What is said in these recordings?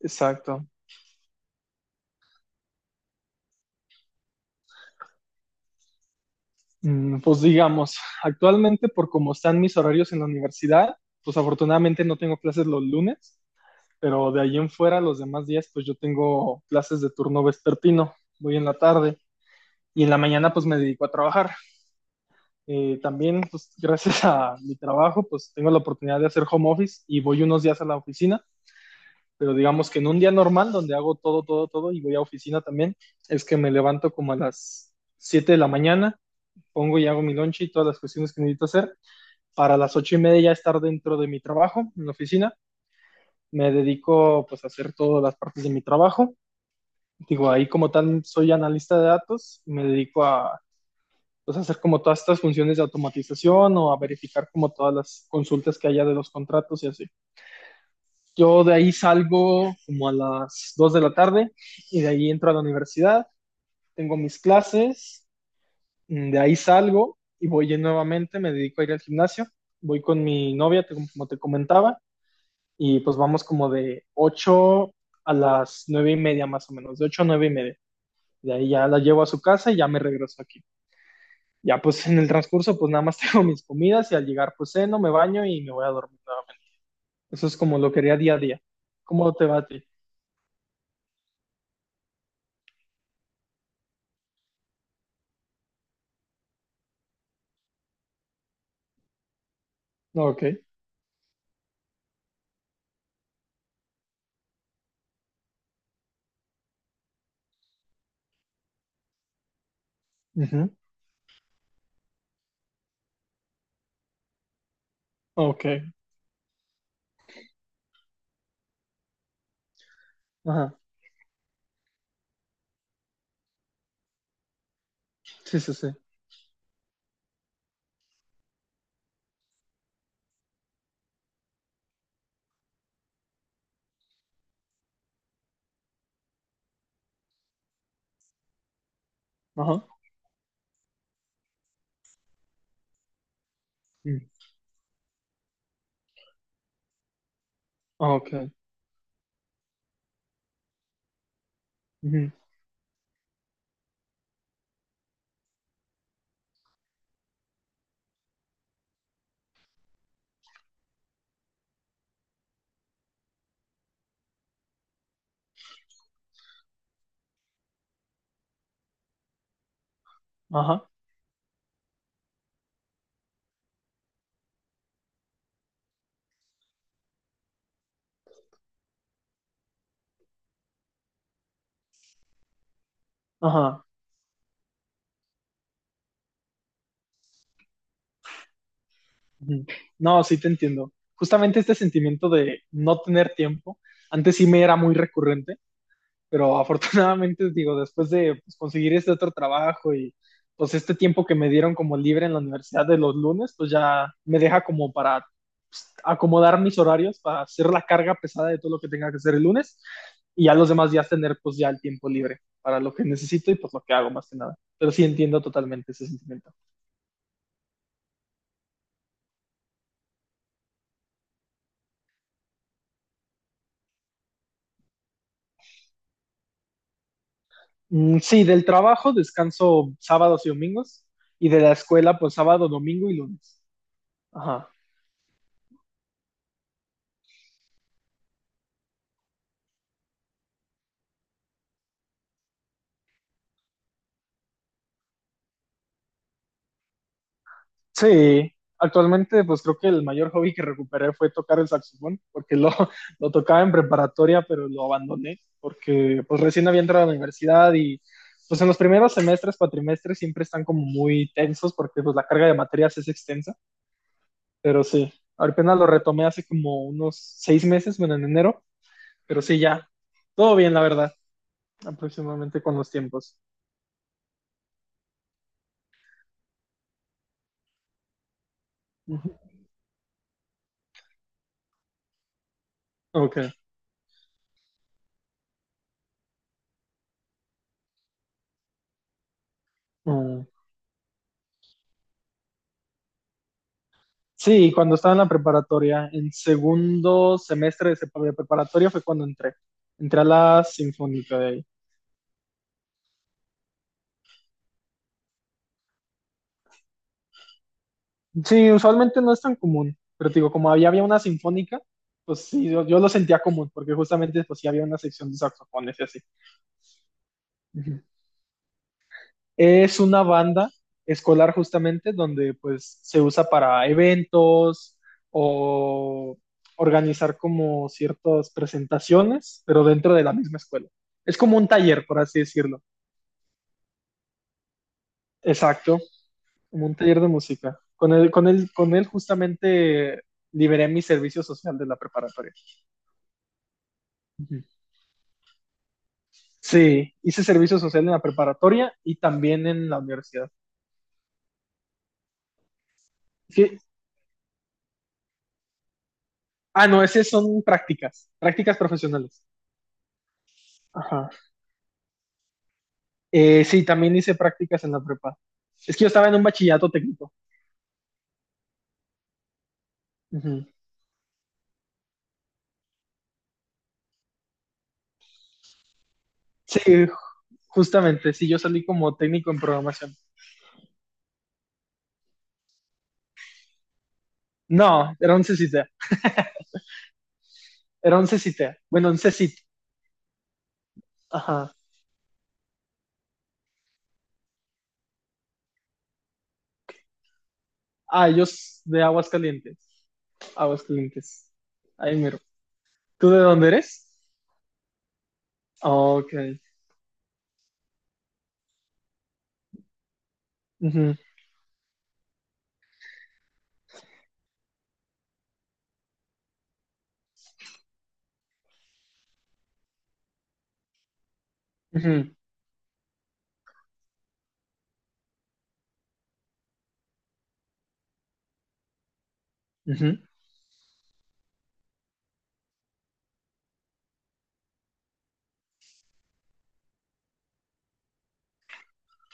Exacto. Pues digamos, actualmente por cómo están mis horarios en la universidad, pues afortunadamente no tengo clases los lunes, pero de ahí en fuera los demás días pues yo tengo clases de turno vespertino, voy en la tarde y en la mañana pues me dedico a trabajar. También pues gracias a mi trabajo pues tengo la oportunidad de hacer home office y voy unos días a la oficina, pero digamos que en un día normal donde hago todo, todo, todo y voy a oficina también, es que me levanto como a las 7 de la mañana, pongo y hago mi lunch y todas las cuestiones que necesito hacer. Para las 8:30 ya estar dentro de mi trabajo, en la oficina. Me dedico pues a hacer todas las partes de mi trabajo. Digo, ahí como tal soy analista de datos, me dedico a pues, hacer como todas estas funciones de automatización o a verificar como todas las consultas que haya de los contratos y así. Yo de ahí salgo como a las 2 de la tarde y de ahí entro a la universidad, tengo mis clases. De ahí salgo y voy nuevamente, me dedico a ir al gimnasio, voy con mi novia, como te comentaba, y pues vamos como de 8 a las 9:30 más o menos, de 8 a 9 y media. De ahí ya la llevo a su casa y ya me regreso aquí. Ya pues en el transcurso pues nada más tengo mis comidas y al llegar pues ceno, me baño y me voy a dormir nuevamente. Eso es como lo que haría día a día. ¿Cómo te va a ti? Ok. Ujú. Ok. Ajá. Sí, sí, sí. Ajá. Mm. Ok. Ujú. Ajá. Ajá. Ujú. No, sí te entiendo. Justamente este sentimiento de no tener tiempo, antes sí me era muy recurrente, pero afortunadamente, digo, después de pues, conseguir este otro trabajo y pues este tiempo que me dieron como libre en la universidad de los lunes, pues ya me deja como para pues, acomodar mis horarios, para hacer la carga pesada de todo lo que tenga que hacer el lunes y ya los demás días tener pues ya el tiempo libre para lo que necesito y pues lo que hago más que nada. Pero sí entiendo totalmente ese sentimiento. Mm, sí, del trabajo descanso sábados y domingos y de la escuela pues sábado, domingo y lunes. Ajá. Sí, actualmente pues creo que el mayor hobby que recuperé fue tocar el saxofón porque lo, lo tocaba en preparatoria, pero lo abandoné porque pues recién había entrado a la universidad y pues en los primeros semestres, cuatrimestres siempre están como muy tensos porque pues la carga de materias es extensa, pero sí, apenas lo retomé hace como unos 6 meses, bueno, en enero, pero sí, ya, todo bien la verdad, aproximadamente con los tiempos. Ujú. Ok. Mm. Sí, cuando estaba en la preparatoria, en segundo semestre de de preparatoria fue cuando entré. Entré a la sinfónica de ahí. Sí, usualmente no es tan común, pero te digo, como había una sinfónica, pues sí, yo lo sentía común, porque justamente pues sí había una sección de saxofones y así. Es una banda escolar justamente donde pues se usa para eventos o organizar como ciertas presentaciones, pero dentro de la misma escuela. Es como un taller, por así decirlo. Exacto, como un taller de música. Con él, con él, con él justamente liberé mi servicio social de la preparatoria. Ujú. Sí, hice servicio social en la preparatoria y también en la universidad. Sí. Ah, no, esas son prácticas, prácticas profesionales. Ajá. Sí, también hice prácticas en la prepa. Es que yo estaba en un bachillerato técnico. Ujú. Sí, ju- justamente, sí, yo salí como técnico en programación. No, era un CCT, era un CCT, bueno, un CCT, ajá. Ah, yo de Aguascalientes, Aguascalientes. Ahí miro. ¿Tú de dónde eres? Ok. Ujú, ujú, ujú.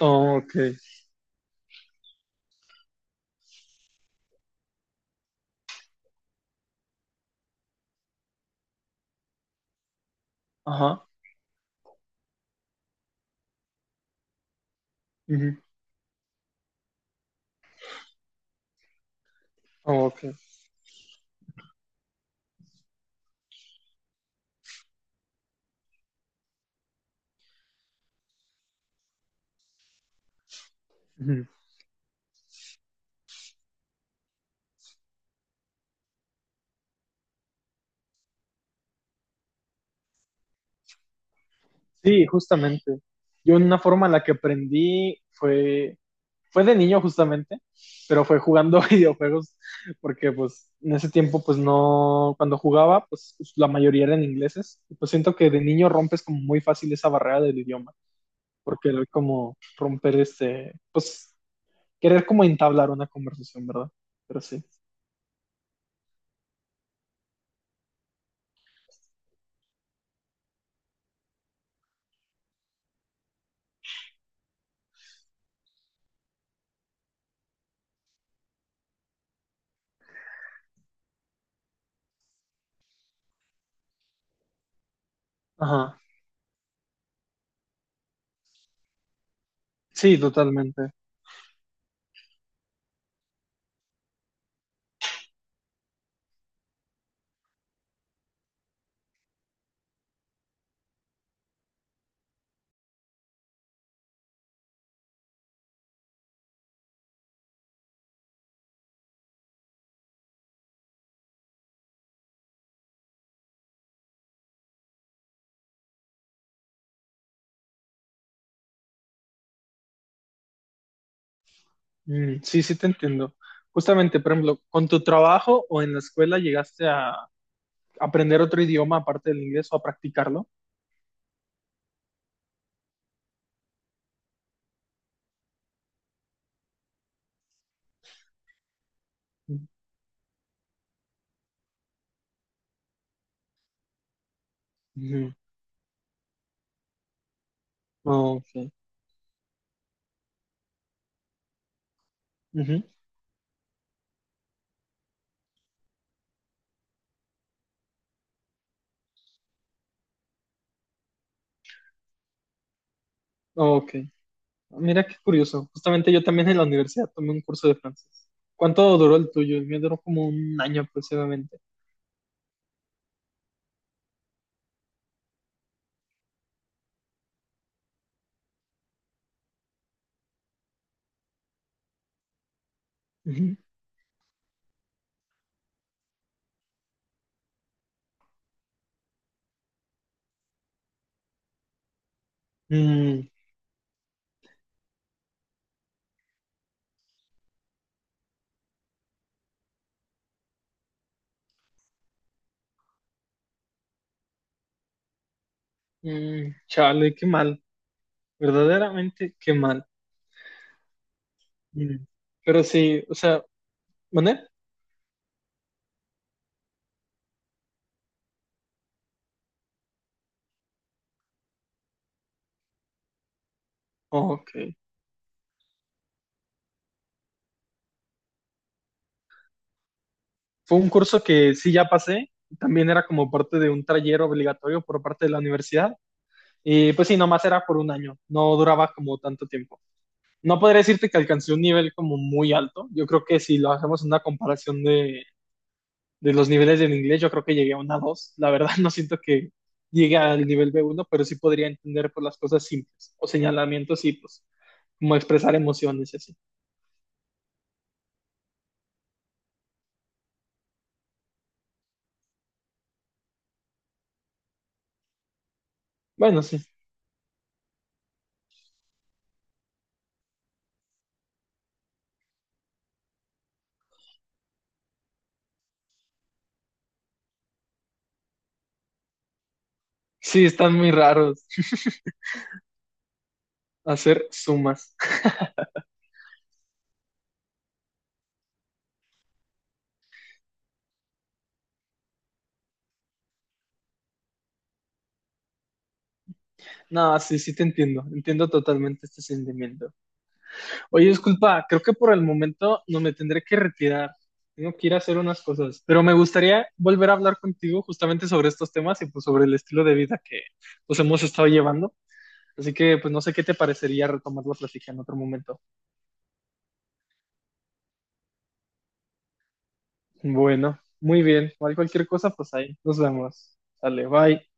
Ok, ajá. Ujú. Ok. Ujú. Sí, justamente. Yo una forma en la que aprendí fue fue de niño justamente, pero fue jugando videojuegos porque pues en ese tiempo pues no, cuando jugaba pues la mayoría eran ingleses y pues siento que de niño rompes como muy fácil esa barrera del idioma, porque era como romper este, pues querer como entablar una conversación, ¿verdad? Pero sí. Ajá. Sí, totalmente. Mm, sí, sí te entiendo. Justamente, por ejemplo, ¿con tu trabajo o en la escuela llegaste a aprender otro idioma aparte del inglés o a practicarlo? Mm. Ujú. Oh, ok. Ujú. Ok, mira qué curioso. Justamente yo también en la universidad tomé un curso de francés. ¿Cuánto duró el tuyo? El mío duró como un año aproximadamente. Ujú. Mm, chale, qué mal. Verdaderamente, qué mal. Mm. Pero sí, o sea, ¿mané? Ok. Fue un curso que sí ya pasé. También era como parte de un taller obligatorio por parte de la universidad. Y pues sí, nomás era por un año. No duraba como tanto tiempo. No podría decirte que alcancé un nivel como muy alto. Yo creo que si lo hacemos en una comparación de los niveles del inglés, yo creo que llegué a una 2. La verdad, no siento que llegue al nivel B1, pero sí podría entender por las cosas simples o señalamientos y pues como expresar emociones y así. Bueno, sí. Sí, están muy raros hacer sumas. No, sí, sí te entiendo. Entiendo totalmente este sentimiento. Oye, disculpa, creo que por el momento no me tendré que retirar. Tengo que ir a hacer unas cosas, pero me gustaría volver a hablar contigo justamente sobre estos temas y pues sobre el estilo de vida que pues hemos estado llevando. Así que pues no sé qué te parecería retomar la plática en otro momento. Bueno, muy bien. Igual cualquier cosa, pues ahí. Nos vemos. Dale, bye.